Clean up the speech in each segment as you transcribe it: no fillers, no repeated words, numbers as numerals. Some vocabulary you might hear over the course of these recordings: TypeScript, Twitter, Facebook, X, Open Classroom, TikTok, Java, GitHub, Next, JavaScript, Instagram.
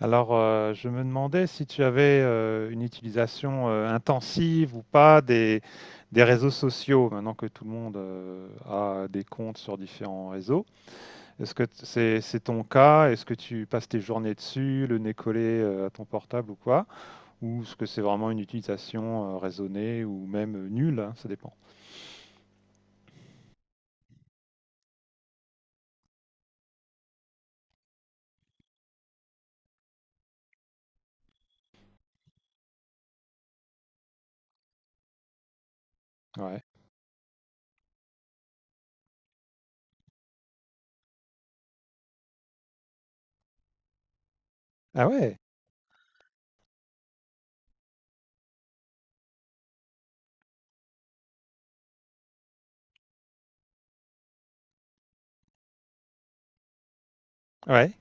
Alors, je me demandais si tu avais une utilisation intensive ou pas des réseaux sociaux, maintenant que tout le monde a des comptes sur différents réseaux. Est-ce que c'est ton cas? Est-ce que tu passes tes journées dessus, le nez collé à ton portable ou quoi? Ou est-ce que c'est vraiment une utilisation raisonnée ou même nulle, hein, ça dépend. Ouais. Ah ouais, ouais,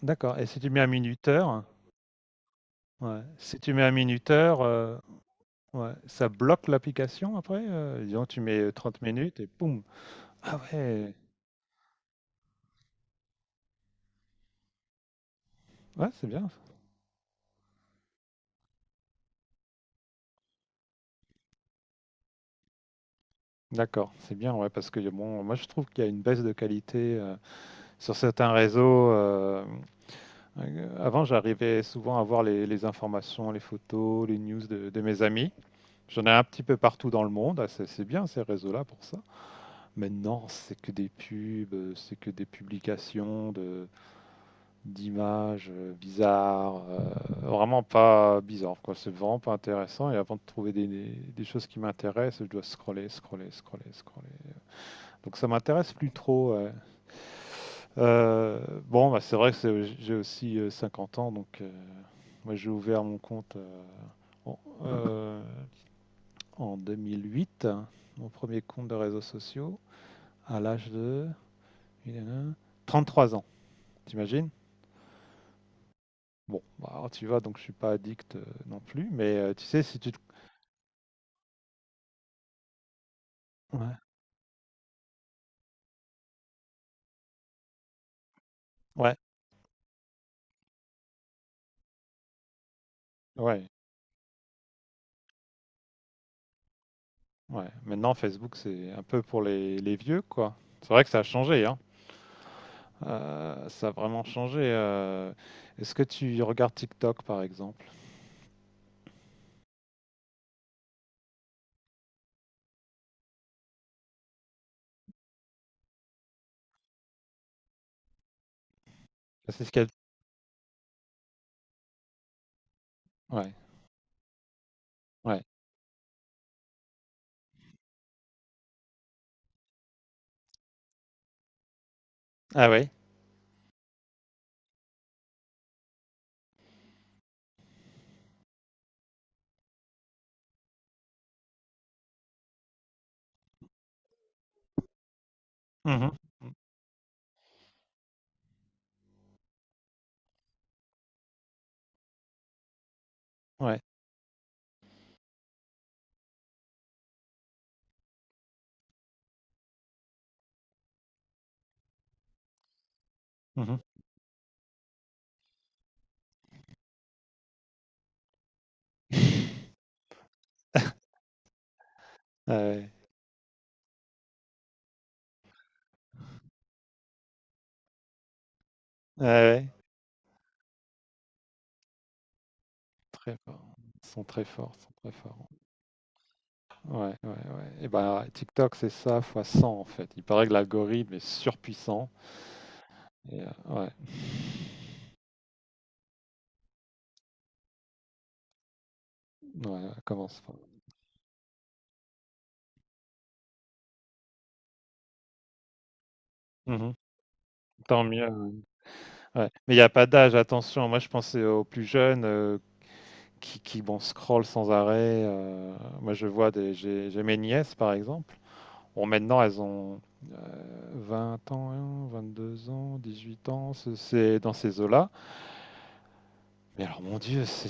d'accord. Et si tu mets un minuteur, ouais. Si tu mets un minuteur, ouais, ça bloque l'application après? Disons, tu mets 30 minutes et boum. Ah ouais, ouais, c'est bien. D'accord, c'est bien, ouais, parce que bon, moi je trouve qu'il y a une baisse de qualité sur certains réseaux. Avant, j'arrivais souvent à voir les informations, les photos, les news de mes amis. J'en ai un petit peu partout dans le monde. Ah, c'est bien ces réseaux-là pour ça. Maintenant, c'est que des pubs, c'est que des publications de, d'images bizarres, vraiment pas bizarre, quoi. C'est vraiment pas intéressant. Et avant de trouver des choses qui m'intéressent, je dois scroller, scroller, scroller, scroller. Donc ça m'intéresse plus trop. Ouais. Euh, bon, bah, c'est vrai que j'ai aussi 50 ans, donc moi j'ai ouvert mon compte en, euh, en 2008, hein, mon premier compte de réseaux sociaux, à l'âge de 33 ans, t'imagines? Bon, bah, alors tu vois, donc je suis pas addict, non plus, mais tu sais, si tu te ouais, ouais, ouais, ouais. Maintenant, Facebook, c'est un peu pour les vieux, quoi. C'est vrai que ça a changé, hein. Ça a vraiment changé. Est-ce que tu regardes TikTok, par exemple? C'est ce qu'il y a. Ouais, ouais. Ah oui? Mmh. Mmh. Ouais. Mmh. Ah ouais. Ouais, ouais. Très fort. Ils sont très forts, ils sont très forts. Ouais, ouais, ouais. Et ben TikTok, c'est ça fois 100 en fait. Il paraît que l'algorithme est surpuissant. Et ouais. Ouais, ouais, commence enfin. Mmh. Tant mieux. Ouais, mais il y a pas d'âge, attention. Moi, je pensais aux plus jeunes, qui, bon, scrollent sans arrêt, moi, je vois des j'ai mes nièces, par exemple. Bon, maintenant, elles ont, heu, 20 ans, 2 ans, 18 ans, ce c'est dans ces eaux-là. Mais alors, mon Dieu, c'est.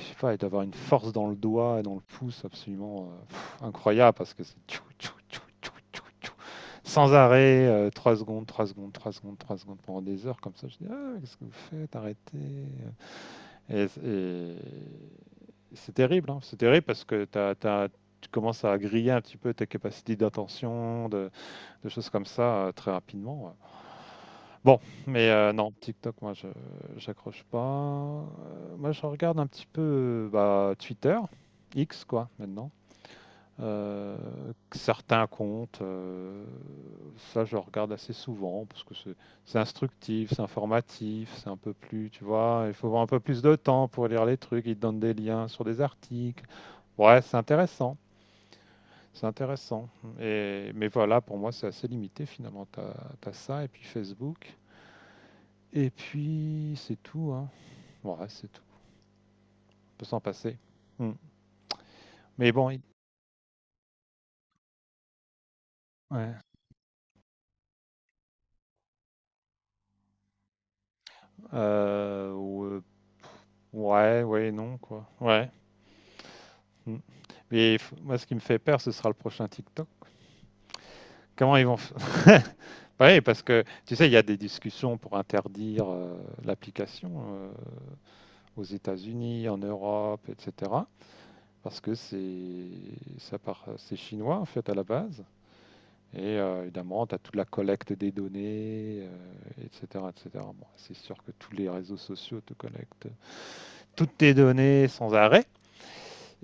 Je sais pas, et d'avoir une force dans le doigt et dans le pouce absolument pff, incroyable parce que c'est tchou, tchou, tchou, tchou, tchou, tchou, sans arrêt, 3 secondes, 3 secondes, 3 secondes, 3 secondes pendant des heures comme ça. Je dis, ah, qu'est-ce que vous faites? Arrêtez. Et c'est terrible, hein. C'est terrible parce que tu commences à griller un petit peu tes capacités d'attention, de choses comme ça très rapidement. Ouais. Bon, mais non, TikTok, moi je j'accroche pas. Moi je regarde un petit peu, bah, Twitter, X quoi maintenant. Heu, certains comptes, ça je regarde assez souvent parce que c'est instructif, c'est informatif, c'est un peu plus, tu vois? Il faut avoir un peu plus de temps pour lire les trucs, ils te donnent des liens sur des articles. Ouais, c'est intéressant mais voilà, pour moi c'est assez limité finalement. Tu as ça et puis Facebook. Et puis c'est tout, hein. Ouais, c'est tout. On peut s'en passer. Mmh. Mais bon, ouais. Euh, ou- euh, ouais, ouais, non, quoi. Ouais. Mmh. Mais il moi, ce qui me fait peur, ce sera le prochain TikTok. Comment ils vont f- Ouais, parce que tu sais, il y a des discussions pour interdire l'application aux États-Unis, en Europe, etc. Parce que c'est ça part, c'est chinois en fait à la base. Et évidemment, tu as toute la collecte des données, etc. etc. Bon, c'est sûr que tous les réseaux sociaux te collectent toutes tes données sans arrêt.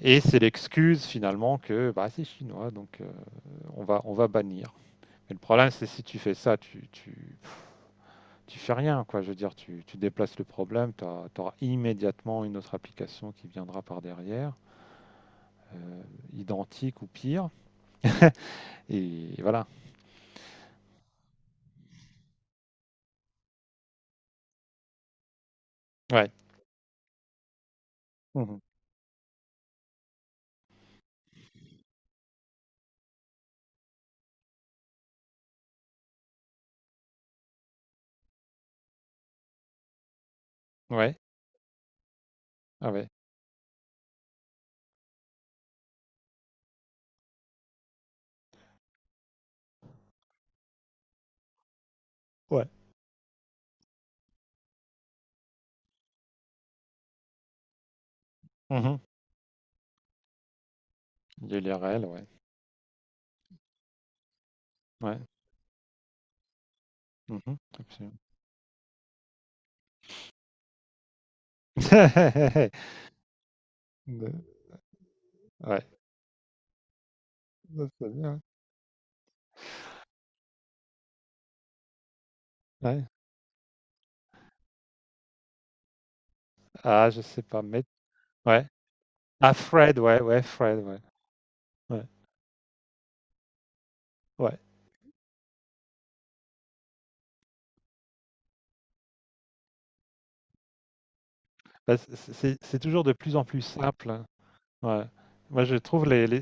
Et c'est l'excuse finalement que bah, c'est chinois, donc on va bannir. Mais le problème, c'est si tu fais ça, fais rien, quoi. Je veux dire, tu déplaces le problème, tu auras immédiatement une autre application qui viendra par derrière, euh, identique ou pire. Et voilà. Ouais. Mmh. Ouais. Ah ouais. Ouais. Mmh. Il y a l'IRL, ouais. Ouais. Mmh. Absolument. De ouais. Ouais, c'est bien, ouais. Ouais. Ah, je sais pas, mais ouais. Ah Fred, ouais. Ouais, ouais. Bah, c'est toujours de plus en plus simple, hein. Ouais. Moi, je trouve les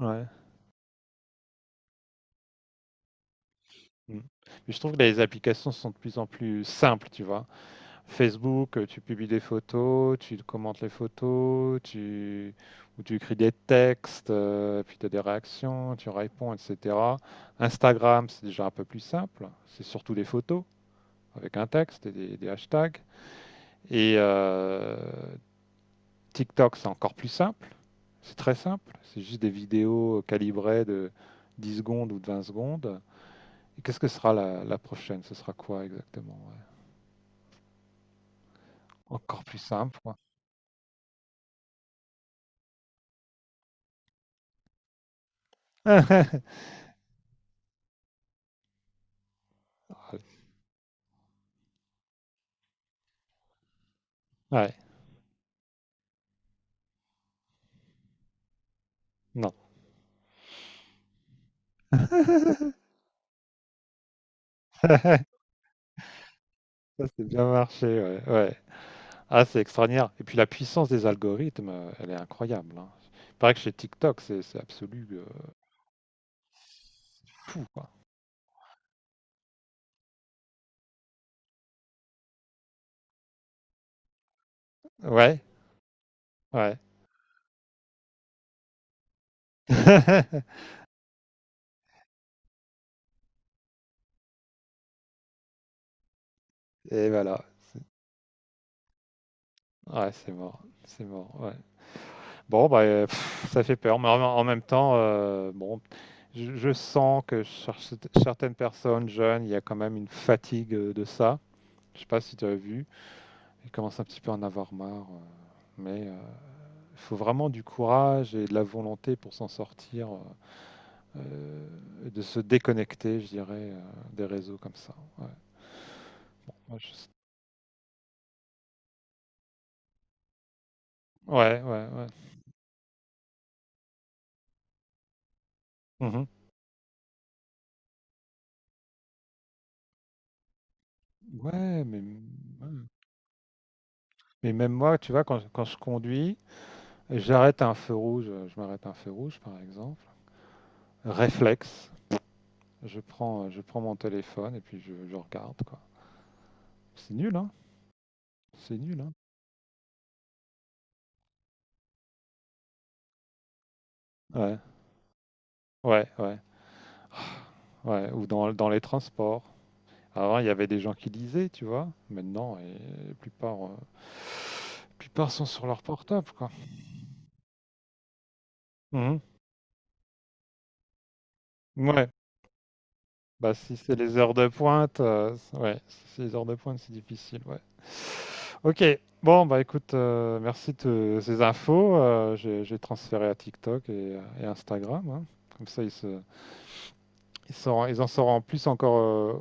ouais. Mmh. Mais je trouve que les applications sont de plus en plus simples, tu vois? Facebook, tu publies des photos, tu commentes les photos, ou tu écris des textes, puis tu as des réactions, tu réponds, etc. Instagram, c'est déjà un peu plus simple. C'est surtout des photos avec un texte et des hashtags. Et euh, TikTok, c'est encore plus simple. C'est très simple. C'est juste des vidéos calibrées de 10 secondes ou de 20 secondes. Et qu'est-ce que sera la prochaine? Ce sera quoi exactement? Ouais. Encore plus simple, quoi. Ouais. Non. Ça, c'est bien marché, ouais. Ouais. Ah, c'est extraordinaire. Et puis la puissance des algorithmes, elle est incroyable, hein. Il paraît que chez TikTok, c'est absolu fou, quoi. Ouais, ouais. Et voilà. Ouais, c'est mort. C'est mort, ouais. Bon, bah, pff, ça fait peur, mais en même temps, bon, je sens que certaines personnes jeunes, il y a quand même une fatigue de ça. Je sais pas si tu as vu. Ils commencent un petit peu à en avoir marre, mais Il faut vraiment du courage et de la volonté pour s'en sortir, et de se déconnecter, je dirais, des réseaux comme ça. Ouais, bon, moi, ouais, ouais. Ouais. Mhm. Ouais, mais même moi, tu vois, quand je conduis, j'arrête à un feu rouge, je m'arrête à un feu rouge, par exemple. Réflexe, je prends mon téléphone et puis je regarde, quoi. C'est nul, hein? C'est nul, hein? Ouais, ouais, ouais, ouais. Ou dans les transports. Avant, il y avait des gens qui lisaient, tu vois. Maintenant, la plupart sont sur leur portable, quoi. Mhm. Ouais. Bah, si c'est les heures de pointe, ouais, si c'est les heures de pointe, c'est difficile, ouais. Ok. Bon, bah, écoute, merci de ces infos. J'ai transféré à TikTok et Instagram, hein. Comme ça, ils en sauront plus encore euh,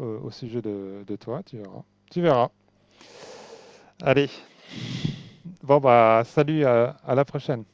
euh, au sujet de toi, tu verras. Tu verras. Allez. Bon, bah, salut, à la prochaine.